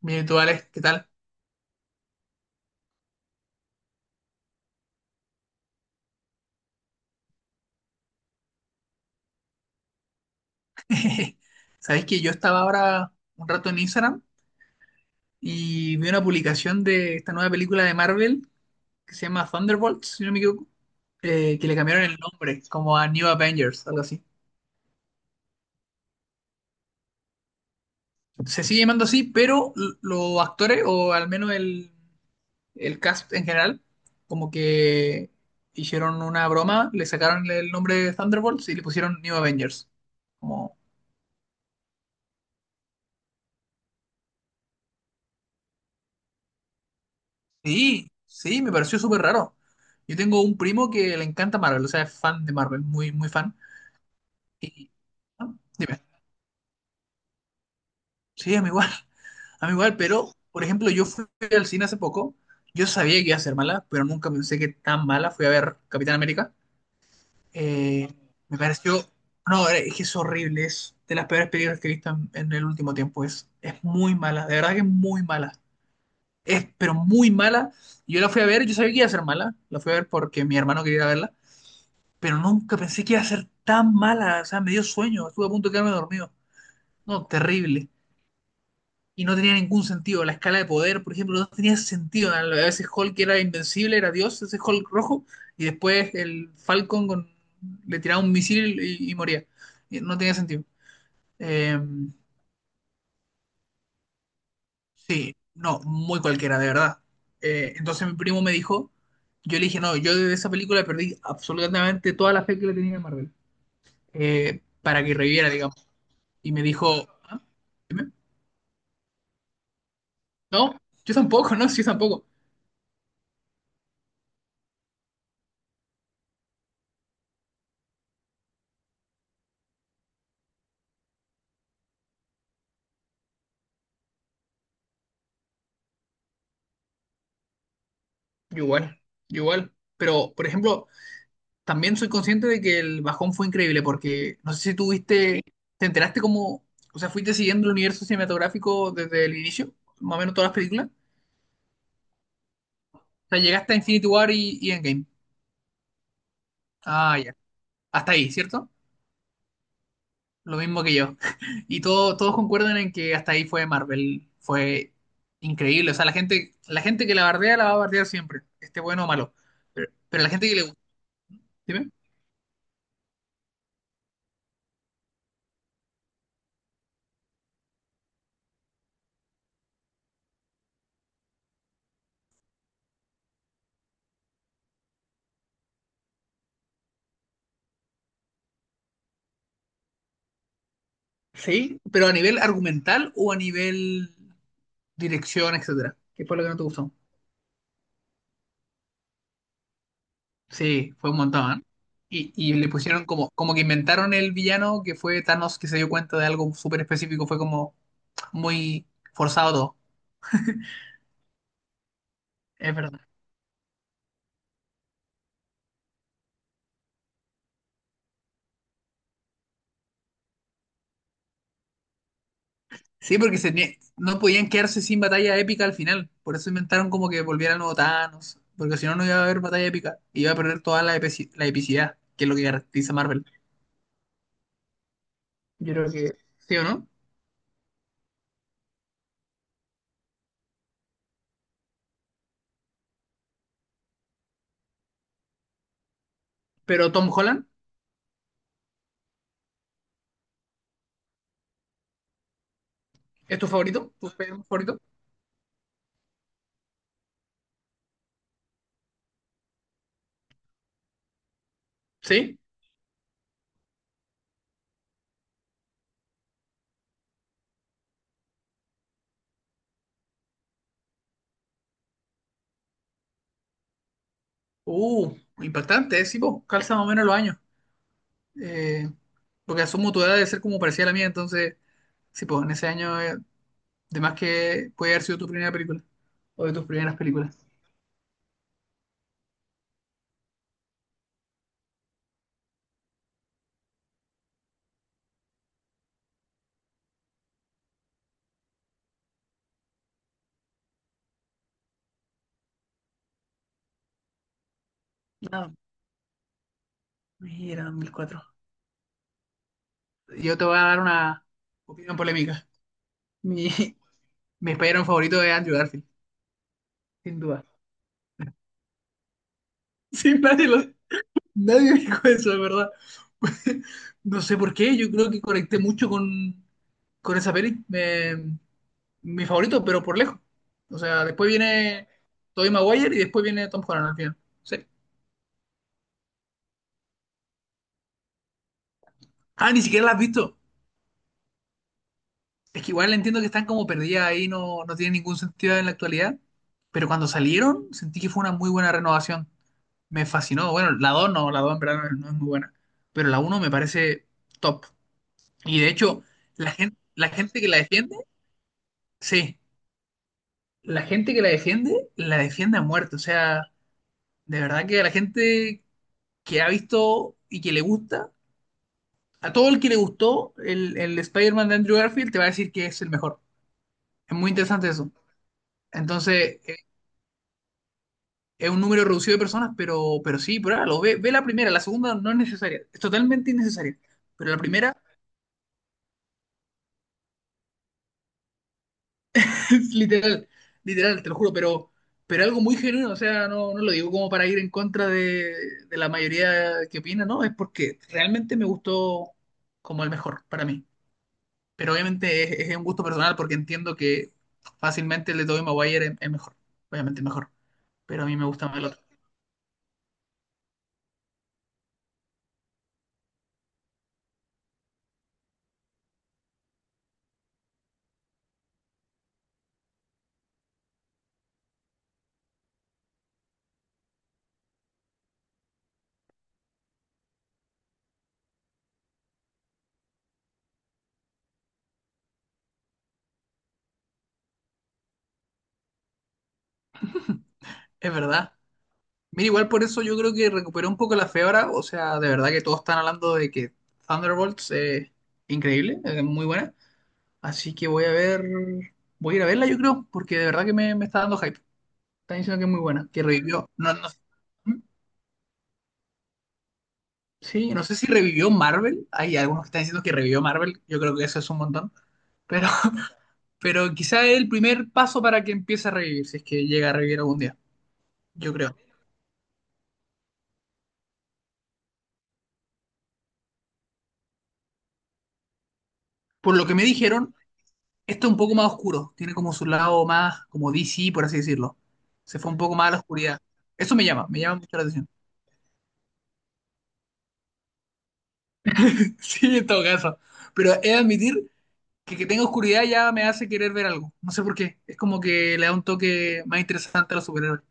Bien, ¿y tú, Alex? ¿Qué tal? Sabéis que yo estaba ahora un rato en Instagram y vi una publicación de esta nueva película de Marvel que se llama Thunderbolts, si no me equivoco, que le cambiaron el nombre como a New Avengers, algo así. Se sigue llamando así, pero los actores, o al menos el cast en general, como que hicieron una broma, le sacaron el nombre de Thunderbolts y le pusieron New Avengers. Sí, sí, me pareció súper raro. Yo tengo un primo que le encanta Marvel, o sea, es fan de Marvel, muy, muy fan. Y, ah, dime, sí, a mí igual, a mí igual, pero, por ejemplo, yo fui al cine hace poco, yo sabía que iba a ser mala, pero nunca pensé que tan mala. Fui a ver Capitán América. eh, me pareció, no, es que es horrible, es de las peores películas que he visto en el último tiempo. Es muy mala, de verdad que es muy mala. Es, pero muy mala. Y yo la fui a ver, yo sabía que iba a ser mala, la fui a ver porque mi hermano quería verla, pero nunca pensé que iba a ser tan mala. O sea, me dio sueño, estuve a punto de quedarme dormido. No, terrible. Y no tenía ningún sentido. La escala de poder, por ejemplo, no tenía sentido. A veces Hulk era invencible, era Dios, ese Hulk rojo, y después el Falcon le tiraba un misil y moría. Y no tenía sentido. Eh, sí, no, muy cualquiera, de verdad. Entonces mi primo me dijo, yo le dije, no, yo de esa película perdí absolutamente toda la fe que le tenía en Marvel, para que reviviera, digamos. Y me dijo, ¿ah? Dime. No, yo tampoco, no, yo tampoco. Yo Igual, yo igual. Pero, por ejemplo, también soy consciente de que el bajón fue increíble porque no sé si tú viste, te enteraste cómo, o sea, fuiste siguiendo el universo cinematográfico desde el inicio, más o menos todas las películas. O sea, llegaste a Infinity War y Endgame. Ah, ya. Hasta ahí, ¿cierto? Lo mismo que yo. Y todos concuerdan en que hasta ahí fue Marvel. Fue increíble. O sea, la gente que la bardea la va a bardear siempre, esté bueno o malo. Pero la gente que le gusta. Sí, pero a nivel argumental o a nivel dirección, etcétera. ¿Qué fue lo que no te gustó? Sí, fue un montón, ¿eh? Y le pusieron como, como que inventaron el villano que fue Thanos que se dio cuenta de algo súper específico. Fue como muy forzado todo. Es verdad. Sí, porque no podían quedarse sin batalla épica al final. Por eso inventaron como que volviera el nuevo Thanos. Porque si no, no iba a haber batalla épica. Iba a perder toda la epicidad, que es lo que caracteriza a Marvel. Yo creo que sí o no. Pero Tom Holland. ¿Es tu favorito? ¿Tu superhéroe favorito? Sí. Impactante, ¿eh? Sí, po, calza más o menos los años. Eh, porque asumo tu edad debe ser como parecía la mía, entonces, sí, pues en ese año, de más que puede haber sido tu primera película o de tus primeras películas. No, mira, 2004. Yo te voy a dar una opinión polémica. Mi, mi spider favorito es Andrew Garfield, sin duda. Sí, nadie, lo, nadie dijo eso, de verdad. No sé por qué, yo creo que conecté mucho con esa peli. Me, mi favorito, pero por lejos. O sea, después viene Tobey Maguire y después viene Tom Holland al final. Sí. Ah, ni siquiera la has visto. Es que igual entiendo que están como perdidas ahí, no, no tiene ningún sentido en la actualidad. Pero cuando salieron, sentí que fue una muy buena renovación. Me fascinó. Bueno, la 2 no, la 2 en verdad no es muy buena. Pero la uno me parece top. Y de hecho, la gente que la defiende, sí, la gente que la defiende a muerte. O sea, de verdad que a la gente que ha visto y que le gusta, a todo el que le gustó el Spider-Man de Andrew Garfield te va a decir que es el mejor. Es muy interesante eso. Entonces, es un número reducido de personas, pero sí, pruébalo. Ve, ve la primera, la segunda no es necesaria. Es totalmente innecesaria. Pero la primera, es literal, literal, te lo juro, pero algo muy genuino. O sea, no, no lo digo como para ir en contra de la mayoría que opina, no. Es porque realmente me gustó como el mejor para mí, pero obviamente es un gusto personal porque entiendo que fácilmente el de Tobey Maguire es mejor, obviamente es mejor, pero a mí me gusta más el otro. Es verdad. Mira, igual por eso yo creo que recuperó un poco la fiebre, o sea, de verdad que todos están hablando de que Thunderbolts es increíble, es muy buena, así que voy a ver, voy a ir a verla yo creo, porque de verdad que me está dando hype. Están diciendo que es muy buena, que revivió. No, no, ¿Mm? Sí, no sé si revivió Marvel, hay algunos que están diciendo que revivió Marvel, yo creo que eso es un montón. Pero Pero quizá es el primer paso para que empiece a revivir, si es que llega a revivir algún día, yo creo. Por lo que me dijeron, esto es un poco más oscuro, tiene como su lado más, como DC, por así decirlo. Se fue un poco más a la oscuridad. Eso me llama mucho la atención. Sí, en todo caso. Pero he de admitir que tenga oscuridad ya me hace querer ver algo. No sé por qué. Es como que le da un toque más interesante a los superhéroes.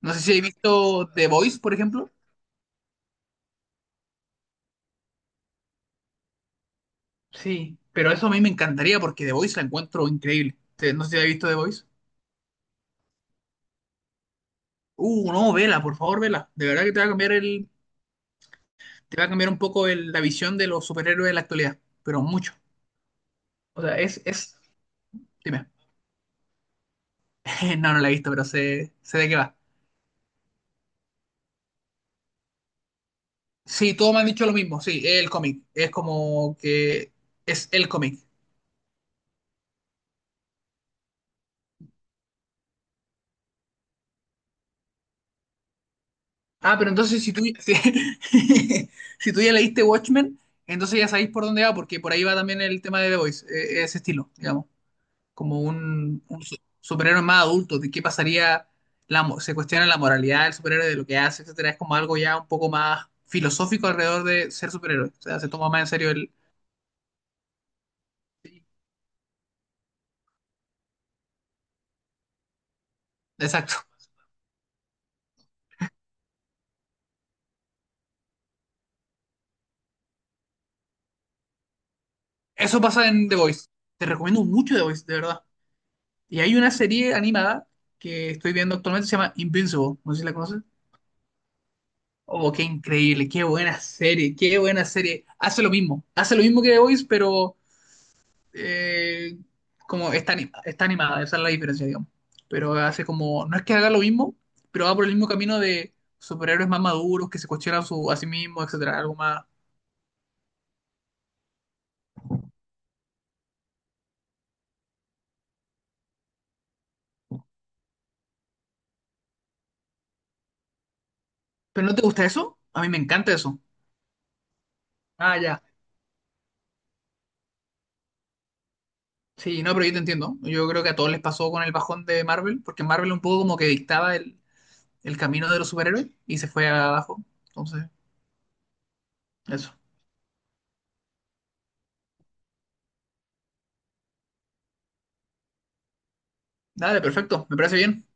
No sé si he visto The Voice, por ejemplo. Sí, pero eso a mí me encantaría porque The Voice la encuentro increíble. Te- No sé si has visto The Voice. No, vela, por favor, vela. De verdad que te va a cambiar te va a cambiar un poco la visión de los superhéroes de la actualidad, pero mucho. O sea, es, dime. No, no la he visto, pero sé, sé de qué va. Sí, todos me han dicho lo mismo, sí, es el cómic. Es como que es el cómic. Ah, pero entonces si tú, si, si tú ya leíste Watchmen, entonces ya sabéis por dónde va, porque por ahí va también el tema de The Voice, ese estilo, digamos. Como un, un superhéroe más adulto, de qué pasaría, se cuestiona la moralidad del superhéroe, de lo que hace, etcétera, es como algo ya un poco más filosófico alrededor de ser superhéroe, o sea, se toma más en serio el... Exacto. Eso pasa en The Voice. Te recomiendo mucho The Voice, de verdad. Y hay una serie animada que estoy viendo actualmente, se llama Invincible, no sé si la conoces. Oh, qué increíble, qué buena serie, qué buena serie. Hace lo mismo que The Voice, pero eh, como está, está animada, esa es la diferencia, digamos. Pero hace como, no es que haga lo mismo, pero va por el mismo camino de superhéroes más maduros, que se cuestionan su, a sí mismos, etcétera, algo más. ¿Pero no te gusta eso? A mí me encanta eso. Ah, ya. Sí, no, pero yo te entiendo. Yo creo que a todos les pasó con el bajón de Marvel, porque Marvel un poco como que dictaba el camino de los superhéroes y se fue abajo. Entonces, eso. Dale, perfecto, me parece bien.